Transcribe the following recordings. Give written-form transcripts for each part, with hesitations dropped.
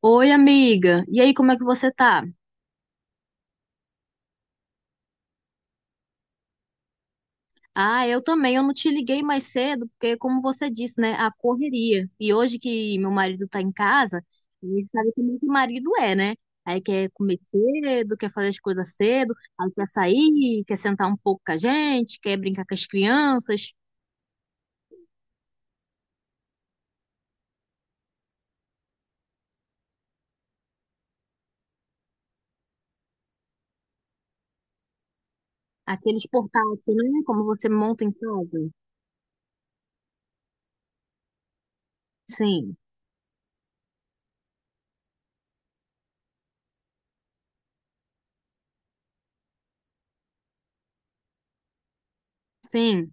Oi, amiga. E aí, como é que você tá? Ah, eu também. Eu não te liguei mais cedo, porque, como você disse, né, a correria. E hoje que meu marido tá em casa, e sabe como que marido é, né? Aí quer comer cedo, quer fazer as coisas cedo, aí quer sair, quer sentar um pouco com a gente, quer brincar com as crianças. Aqueles portáteis, né? Como você monta em casa. Sim, sim.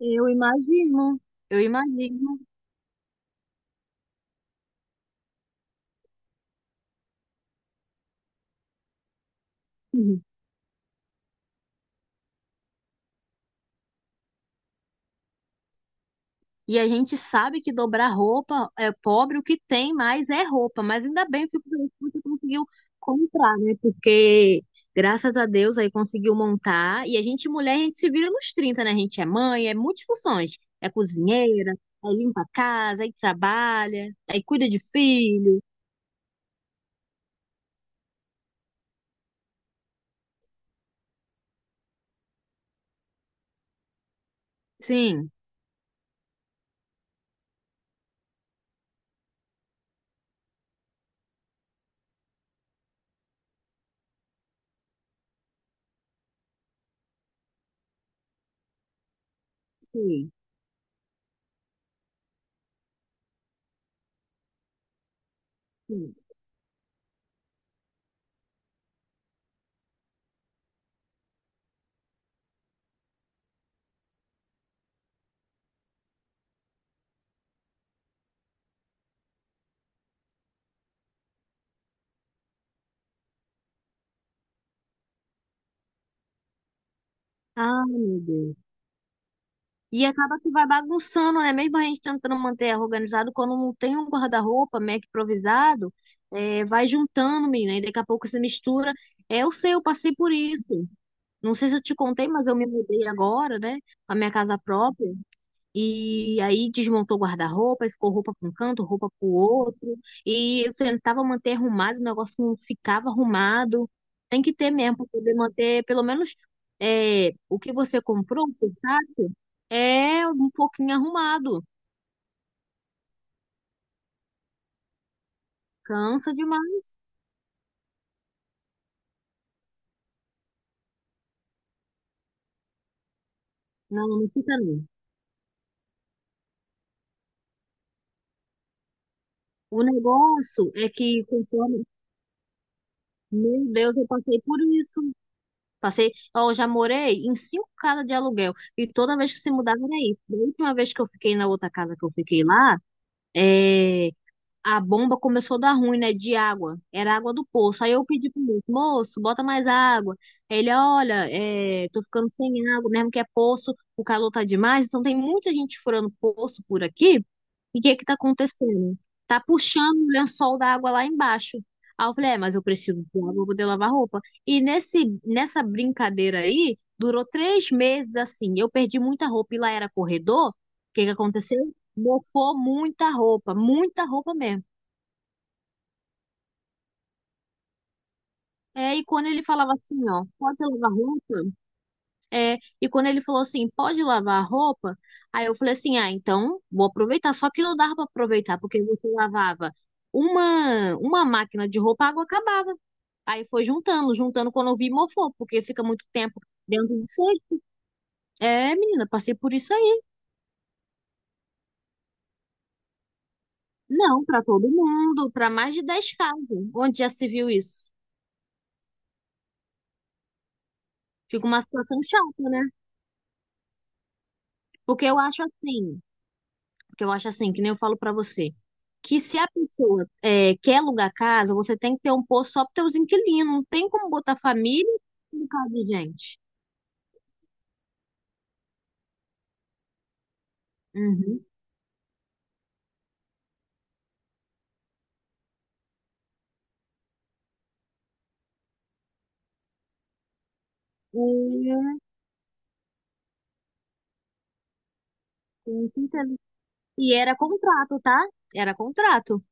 Eu imagino. Eu imagino. E a gente sabe que dobrar roupa é pobre, o que tem mais é roupa, mas ainda bem eu fico feliz que você conseguiu comprar, né? Porque graças a Deus aí conseguiu montar. E a gente, mulher, a gente se vira nos trinta, né? A gente é mãe, é multifunções. É cozinheira, aí limpa a casa, aí trabalha, aí cuida de filho. Sim, sim, sim. Ai, meu Deus. E acaba que vai bagunçando, né? Mesmo a gente tentando manter organizado, quando não tem um guarda-roupa meio que improvisado, é, vai juntando, menina, e daqui a pouco se mistura. É, eu sei, eu passei por isso. Não sei se eu te contei, mas eu me mudei agora, né? Para minha casa própria. E aí desmontou o guarda-roupa e ficou roupa para um canto, roupa para o outro. E eu tentava manter arrumado, o negócio não ficava arrumado. Tem que ter mesmo para poder manter, pelo menos é, o que você comprou, o portátil, é um pouquinho arrumado. Cansa demais. Não, não fica não. O negócio é que conforme, meu Deus, eu passei por isso. Passei, ó, eu já morei em cinco casas de aluguel e toda vez que se mudava era isso. Da última vez que eu fiquei na outra casa que eu fiquei lá, eh, a bomba começou a dar ruim, né, de água. Era água do poço. Aí eu pedi pro moço, moço, bota mais água. Aí ele, olha, é, tô ficando sem água, mesmo que é poço, o calor tá demais, então tem muita gente furando poço por aqui. E o que é que tá acontecendo? Tá puxando o lençol da água lá embaixo. Aí eu falei, é, mas eu preciso de água pra poder lavar roupa. E nessa brincadeira aí, durou 3 meses assim. Eu perdi muita roupa e lá era corredor. O que que aconteceu? Mofou muita roupa mesmo. É, e quando ele falava assim, ó, pode lavar roupa? É, e quando ele falou assim, pode lavar a roupa? Aí eu falei assim, ah, então vou aproveitar. Só que não dava pra aproveitar, porque você lavava uma máquina de roupa, a água acabava. Aí foi juntando, juntando quando eu vi mofou, porque fica muito tempo dentro de sede. É, menina, passei por isso aí. Não, pra todo mundo, pra mais de 10 casas. Onde já se viu isso? Fica uma situação chata, né? Porque eu acho assim. Porque eu acho assim, que nem eu falo pra você, que se a pessoa é, quer alugar casa, você tem que ter um posto só para teus inquilinos. Não tem como botar família no caso de gente. Uhum. É, tem que entender. E era contrato, tá? Era contrato.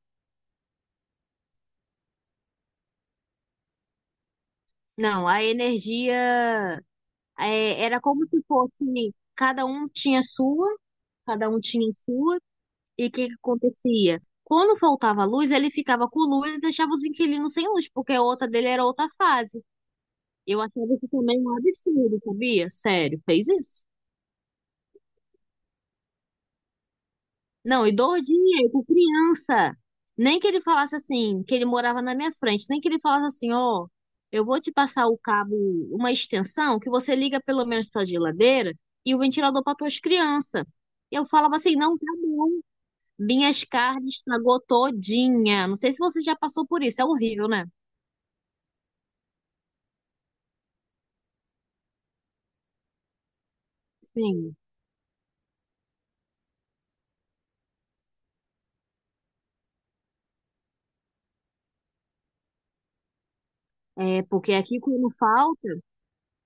Não, a energia é, era como se fosse cada um tinha a sua, cada um tinha a sua, e o que que acontecia? Quando faltava luz, ele ficava com luz e deixava os inquilinos sem luz, porque a outra dele era outra fase. Eu achava isso também um absurdo, sabia? Sério, fez isso? Não, e doidinha, com criança. Nem que ele falasse assim, que ele morava na minha frente, nem que ele falasse assim, ó, eu vou te passar o cabo, uma extensão, que você liga pelo menos tua geladeira e o ventilador para tuas crianças. Eu falava assim, não, tá bom. Minhas carnes estragou todinha. Não sei se você já passou por isso, é horrível, né? Sim. É, porque aqui quando falta,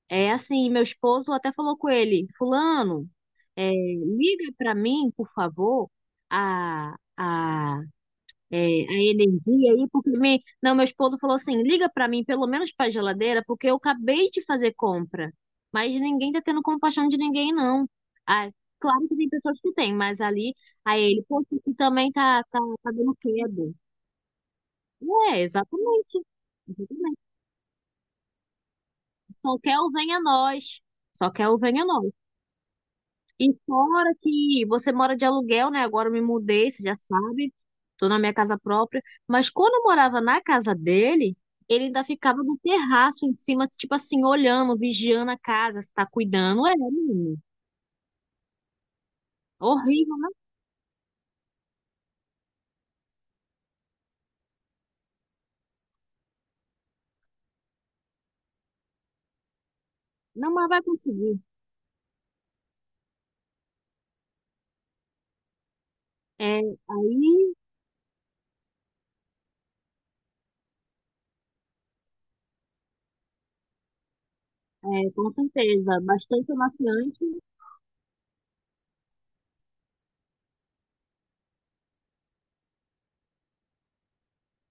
é assim, meu esposo até falou com ele, fulano, é, liga para mim, por favor, a, a, a energia aí, porque me... não, meu esposo falou assim, liga para mim pelo menos para a geladeira, porque eu acabei de fazer compra, mas ninguém tá tendo compaixão de ninguém, não. Ah, claro que tem pessoas que têm, mas ali, aí ele, poxa, aqui também tá, dando queda. É, exatamente. Exatamente. Só quer o venha nós. Só quer o venha nós. E fora que você mora de aluguel, né? Agora eu me mudei, você já sabe. Tô na minha casa própria. Mas quando eu morava na casa dele, ele ainda ficava no terraço em cima, tipo assim, olhando, vigiando a casa, se tá cuidando. É, menino. Horrível, né? Não, mas vai conseguir. É, aí, é, com certeza, bastante amaciante.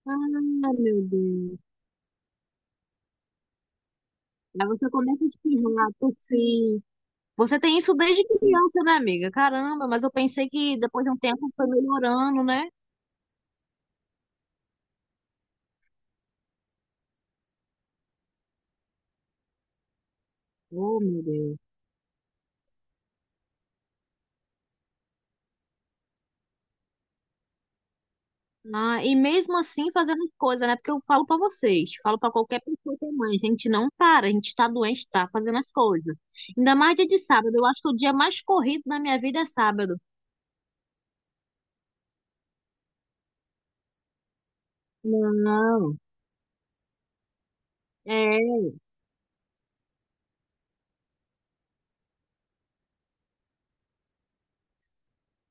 Ah, meu Deus. Aí você começa a espirrar, tossir. Você tem isso desde criança, né, amiga? Caramba, mas eu pensei que depois de um tempo foi melhorando, né? Oh, meu Deus. Ah, e mesmo assim fazendo as coisas, né? Porque eu falo pra vocês, falo pra qualquer pessoa que é mãe, a gente não para, a gente tá doente, tá fazendo as coisas. Ainda mais dia de sábado, eu acho que o dia mais corrido da minha vida é sábado. Não. É.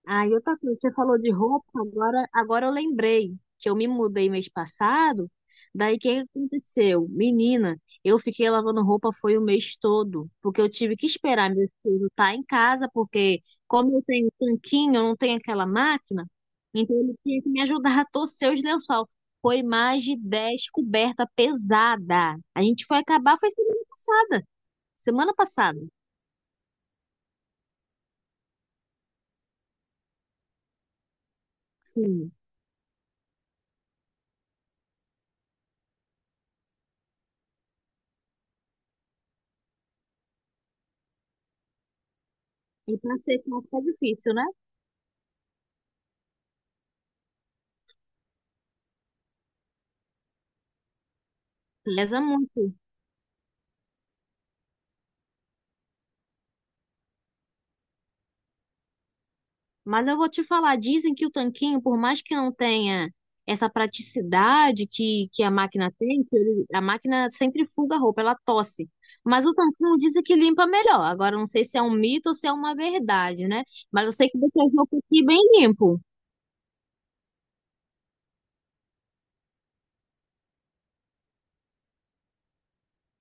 Ah, e outra coisa, você falou de roupa, agora, agora eu lembrei que eu me mudei mês passado. Daí o que aconteceu? Menina, eu fiquei lavando roupa foi o mês todo, porque eu tive que esperar meu filho estar em casa, porque como eu tenho tanquinho, eu não tenho aquela máquina, então ele tinha que me ajudar a torcer os lençol. Foi mais de 10 coberta pesada. A gente foi acabar foi semana passada. Semana passada. Sim. E pra secar fica difícil, né? Pesa muito. Mas eu vou te falar, dizem que o tanquinho, por mais que não tenha essa praticidade que a máquina tem, que a máquina centrifuga a roupa, ela tosse. Mas o tanquinho dizem que limpa melhor. Agora, eu não sei se é um mito ou se é uma verdade, né? Mas eu sei que deixa as roupas aqui bem limpo.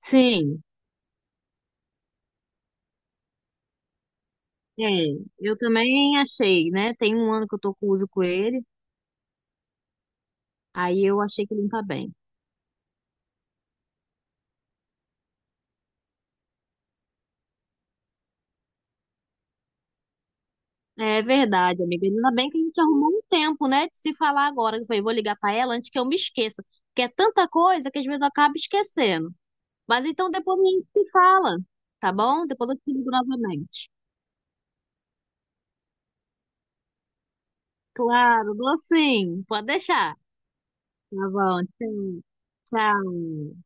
Sim, é. Eu também achei, né? Tem um ano que eu tô com uso com ele, aí eu achei que limpa bem. É verdade, amiga. Ainda bem que a gente arrumou um tempo, né, de se falar agora. Eu falei, vou ligar pra ela antes que eu me esqueça. Porque é tanta coisa que às vezes eu acabo esquecendo. Mas então depois a gente se fala, tá bom? Depois eu te ligo novamente. Claro, dou sim. Pode deixar. Tá bom, tchau. Tchau.